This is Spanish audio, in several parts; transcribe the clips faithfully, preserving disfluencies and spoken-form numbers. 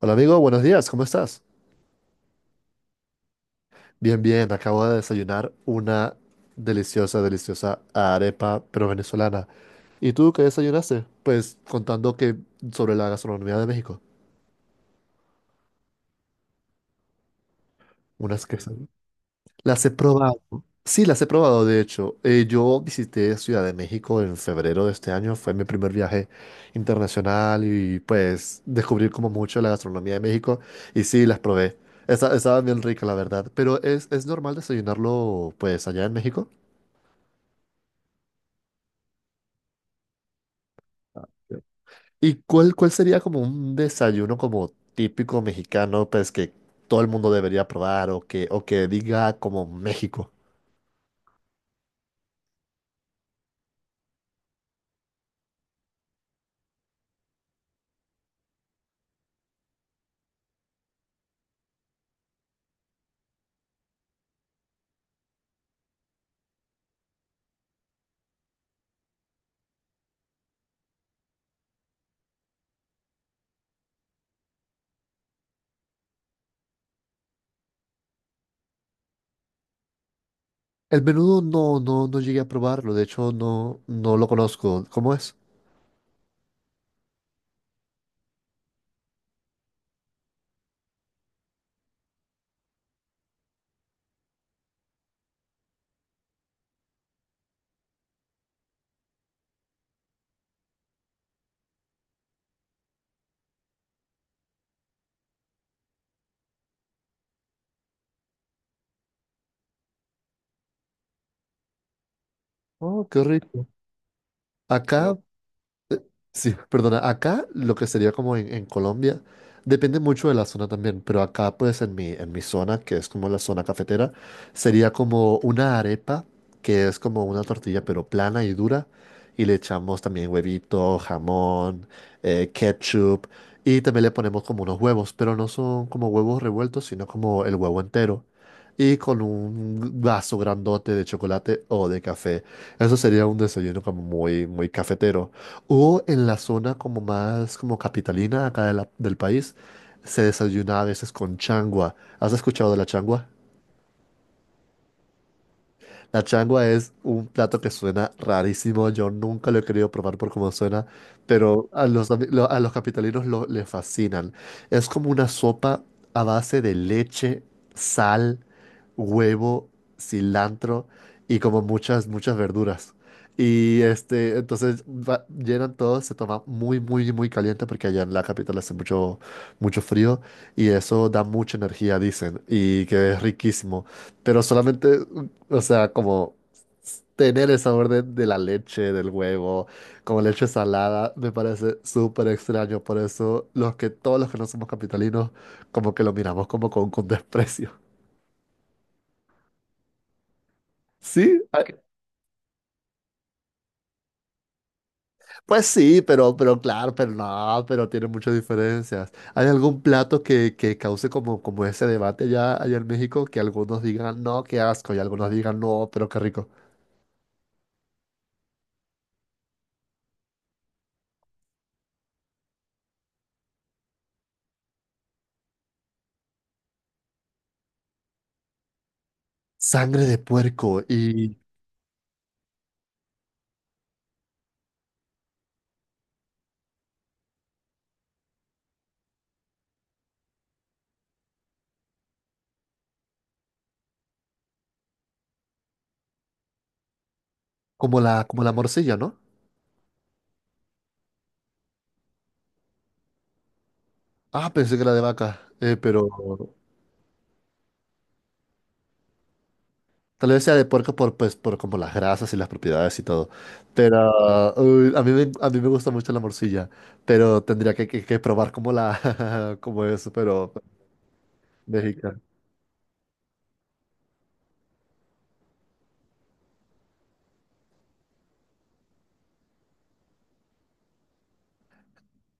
Hola amigo, buenos días, ¿cómo estás? Bien, bien, acabo de desayunar una deliciosa, deliciosa arepa, pero venezolana. ¿Y tú qué desayunaste? Pues contando que sobre la gastronomía de México, unas quesadillas. Las he probado. Sí, las he probado, de hecho. Eh, yo visité Ciudad de México en febrero de este año, fue mi primer viaje internacional y pues descubrí como mucho la gastronomía de México y sí, las probé. Esta- Estaban bien ricas, la verdad, pero es, es normal desayunarlo pues allá en México. ¿Y cuál, cuál sería como un desayuno como típico mexicano, pues que todo el mundo debería probar o que, o que diga como México? El menudo, no, no, no llegué a probarlo. De hecho, no, no lo conozco. ¿Cómo es? Oh, qué rico. Sí. Acá, Sí, perdona, acá lo que sería como en, en Colombia, depende mucho de la zona también, pero acá pues en mi, en mi zona, que es como la zona cafetera, sería como una arepa, que es como una tortilla pero plana y dura, y le echamos también huevito, jamón, eh, ketchup, y también le ponemos como unos huevos, pero no son como huevos revueltos, sino como el huevo entero, y con un vaso grandote de chocolate o de café. Eso sería un desayuno como muy, muy cafetero. O en la zona como más como capitalina acá de la- del país, se desayuna a veces con changua. ¿Has escuchado de la changua? La changua es un plato que suena rarísimo. Yo nunca lo he querido probar por cómo suena, pero a los, ami- lo- a los capitalinos, lo, les fascinan. Es como una sopa a base de leche, sal, huevo, cilantro y como muchas, muchas verduras. Y este, entonces va- llenan todo, se toma muy, muy, muy caliente porque allá en la capital hace mucho, mucho frío y eso da mucha energía, dicen, y que es riquísimo. Pero solamente, o sea, como tener el sabor de, de la leche, del huevo, como leche salada, me parece súper extraño. Por eso los que todos los que no somos capitalinos, como que lo miramos como con, con desprecio. Sí, ah, pues sí, pero, pero claro, pero no, pero tiene muchas diferencias. ¿Hay algún plato que, que cause como, como ese debate allá, allá en México? Que algunos digan, no, qué asco, y algunos digan, no, pero qué rico. Sangre de puerco y como la, como la morcilla, ¿no? Ah, pensé que era de vaca, eh, pero tal vez sea de puerco por, pues, por como las grasas y las propiedades y todo. Pero uy, a mí me, a mí me gusta mucho la morcilla, pero tendría que, que- que probar como la, como eso, pero México.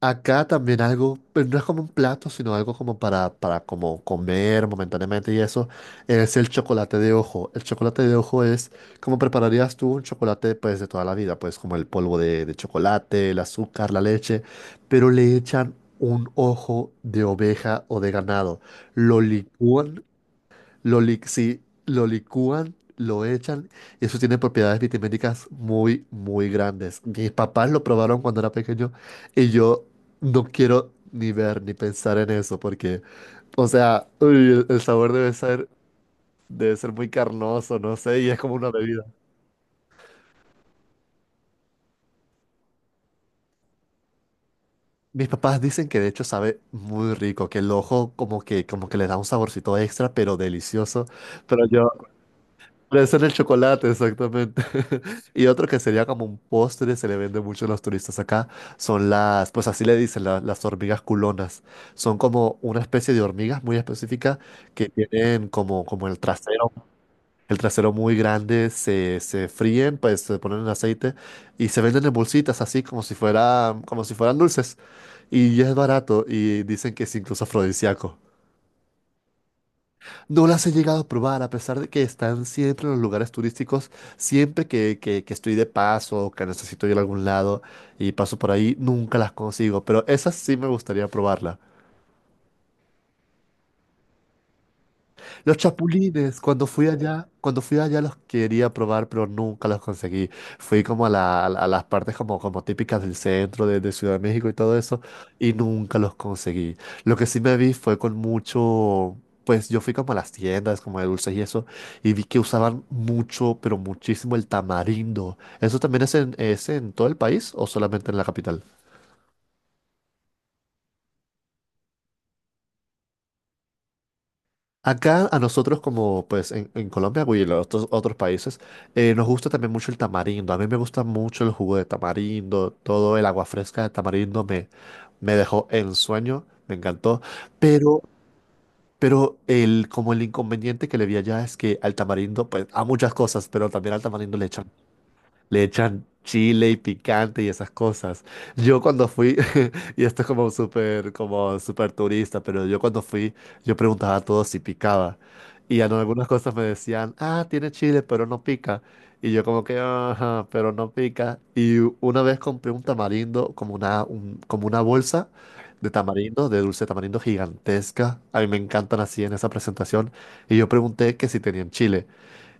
Acá también algo, pero no es como un plato, sino algo como para, para como comer momentáneamente y eso, es el chocolate de ojo. El chocolate de ojo es como prepararías tú un chocolate pues de toda la vida, pues como el polvo de, de chocolate, el azúcar, la leche, pero le echan un ojo de oveja o de ganado, lo licúan, lo li- sí, lo licúan, lo echan, y eso tiene propiedades vitamínicas muy, muy grandes. Mis papás lo probaron cuando era pequeño y yo no quiero ni ver ni pensar en eso porque, o sea, uy, el, el sabor debe ser, debe ser muy carnoso, no sé, y es como una bebida. Mis papás dicen que de hecho sabe muy rico, que el ojo como que, como que le da un saborcito extra, pero delicioso. Pero yo, Puede ser el chocolate, exactamente. Y otro que sería como un postre, se le vende mucho a los turistas acá, son las, pues así le dicen, la- las hormigas culonas. Son como una especie de hormigas muy específica que tienen como, como el trasero, el trasero muy grande, se, se fríen, pues se ponen en aceite y se venden en bolsitas así como si fuera, como si fueran dulces. Y es barato y dicen que es incluso afrodisíaco. No las he llegado a probar, a pesar de que están siempre en los lugares turísticos, siempre que, que- que estoy de paso o que necesito ir a algún lado y paso por ahí, nunca las consigo, pero esas sí me gustaría probarlas. Los chapulines, cuando fui allá, cuando fui allá los quería probar, pero nunca los conseguí. Fui como a, la- a las partes como, como típicas del centro de, de Ciudad de México y todo eso, y nunca los conseguí. Lo que sí me vi fue con mucho, pues yo fui como a las tiendas, como de dulces y eso, y vi que usaban mucho, pero muchísimo el tamarindo. ¿Eso también es en, es en todo el país o solamente en la capital? Acá a nosotros como pues en, en Colombia y en los otros, otros países, eh, nos gusta también mucho el tamarindo. A mí me gusta mucho el jugo de tamarindo, todo el agua fresca de tamarindo me, me dejó en sueño, me encantó. Pero, pero el, como el inconveniente que le vi allá es que al tamarindo, pues a muchas cosas, pero también al tamarindo le echan le echan chile y picante y esas cosas. Yo cuando fui, y esto es como súper, como súper turista, pero yo cuando fui, yo preguntaba a todos si picaba. Y en algunas cosas me decían, ah, tiene chile, pero no pica. Y yo como que, ajá, pero no pica. Y una vez compré un tamarindo, como una, un- como una bolsa de tamarindo, de dulce de tamarindo gigantesca. A mí me encantan así en esa presentación. Y yo pregunté que si tenían chile.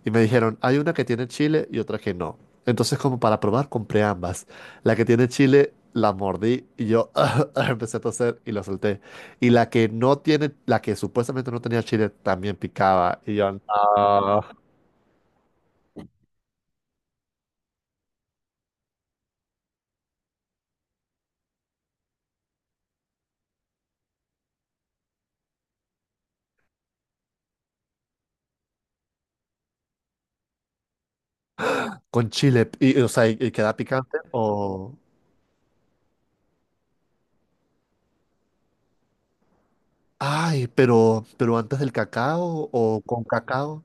Y me dijeron, hay una que tiene chile y otra que no. Entonces, como para probar, compré ambas. La que tiene chile, la mordí y yo empecé a toser y la solté. Y la que no tiene, la que supuestamente no tenía chile, también picaba. Y yo, "No". Con chile, y, o sea, y, y queda picante o... Ay, pero, pero antes del cacao o con cacao.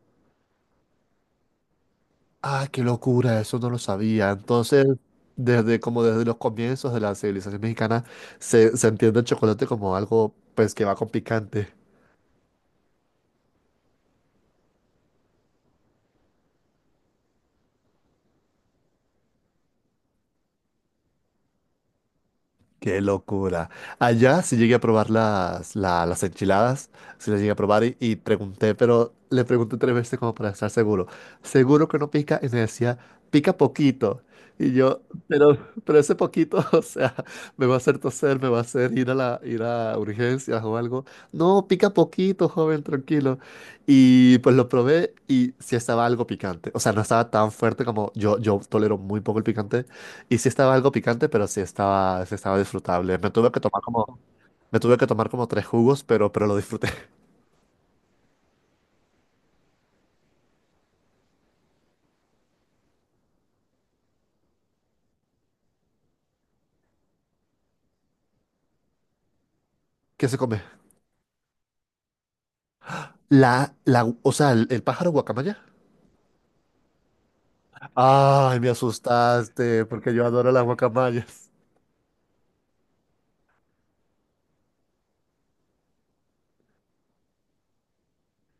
Ah, qué locura, eso no lo sabía. Entonces, desde como desde los comienzos de la civilización mexicana, se, se entiende el chocolate como algo pues que va con picante. Qué locura. Allá sí llegué a probar las, la- las enchiladas, sí las llegué a probar y, y pregunté, pero le pregunté tres veces como para estar seguro. Seguro que no pica y me decía, pica poquito. Y yo, pero, pero ese poquito, o sea, me va a hacer toser, me va a hacer ir a la, ir a urgencias o algo. No, pica poquito, joven, tranquilo. Y pues lo probé y sí estaba algo picante. O sea, no estaba tan fuerte como yo, yo tolero muy poco el picante y sí estaba algo picante, pero sí estaba, sí estaba disfrutable. Me tuve que tomar como, me tuve que tomar como tres jugos, pero, pero lo disfruté. ¿Qué se come? La, la, gu- o sea, el, el pájaro guacamaya. Ay, me asustaste, porque yo adoro las guacamayas.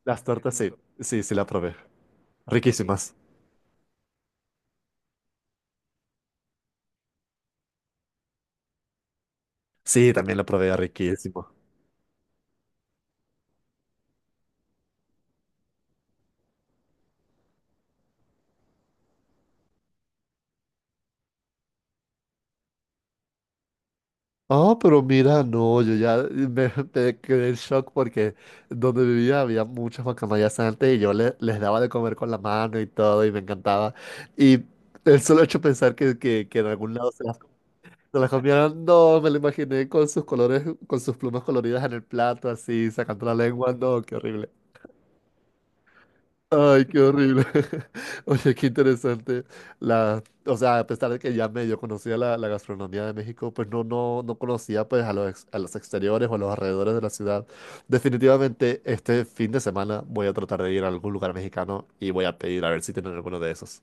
Las tortas, sí. Sí, sí la probé. Riquísimas. Sí, también la probé, riquísimo. Ah, pero mira, no, yo ya me, me quedé en shock porque donde vivía había muchas guacamayas antes y yo le- les daba de comer con la mano y todo y me encantaba. Y el solo hecho de pensar que, que, que en algún lado se las, se las comieran, no, me lo imaginé con sus colores, con sus plumas coloridas en el plato, así, sacando la lengua, no, qué horrible. Ay, qué horrible. Oye, qué interesante. La, o sea, a pesar de que ya medio conocía la, la gastronomía de México, pues no, no, no conocía pues a los, ex- a los exteriores o a los alrededores de la ciudad. Definitivamente este fin de semana voy a tratar de ir a algún lugar mexicano y voy a pedir a ver si tienen alguno de esos.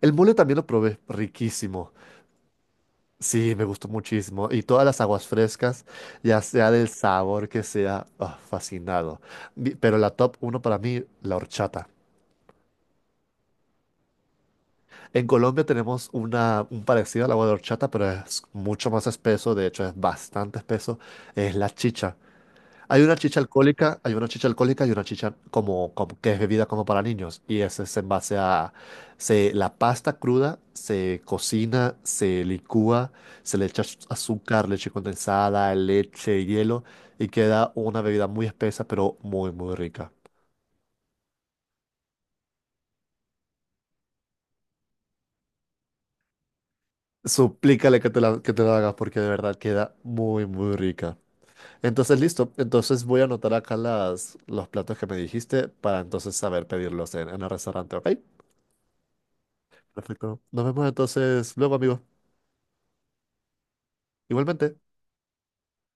El mole también lo probé, riquísimo. Sí, me gustó muchísimo. Y todas las aguas frescas, ya sea del sabor que sea, ah, fascinado. Mi- Pero la top uno para mí, la horchata. En Colombia tenemos una, un parecido al agua de horchata, pero es mucho más espeso, de hecho es bastante espeso, es la chicha. Hay una chicha alcohólica, hay una chicha alcohólica y una chicha como, como- que es bebida como para niños. Y ese es en base a se, la pasta cruda, se cocina, se licúa, se le echa az- azúcar, leche condensada, leche, hielo y queda una bebida muy espesa, pero muy, muy rica. Suplícale que te la, que te la hagas porque de verdad queda muy, muy rica. Entonces, listo. Entonces voy a anotar acá las, los platos que me dijiste para entonces saber pedirlos en, en el restaurante, ¿ok? Perfecto. Nos vemos entonces luego, amigo. Igualmente.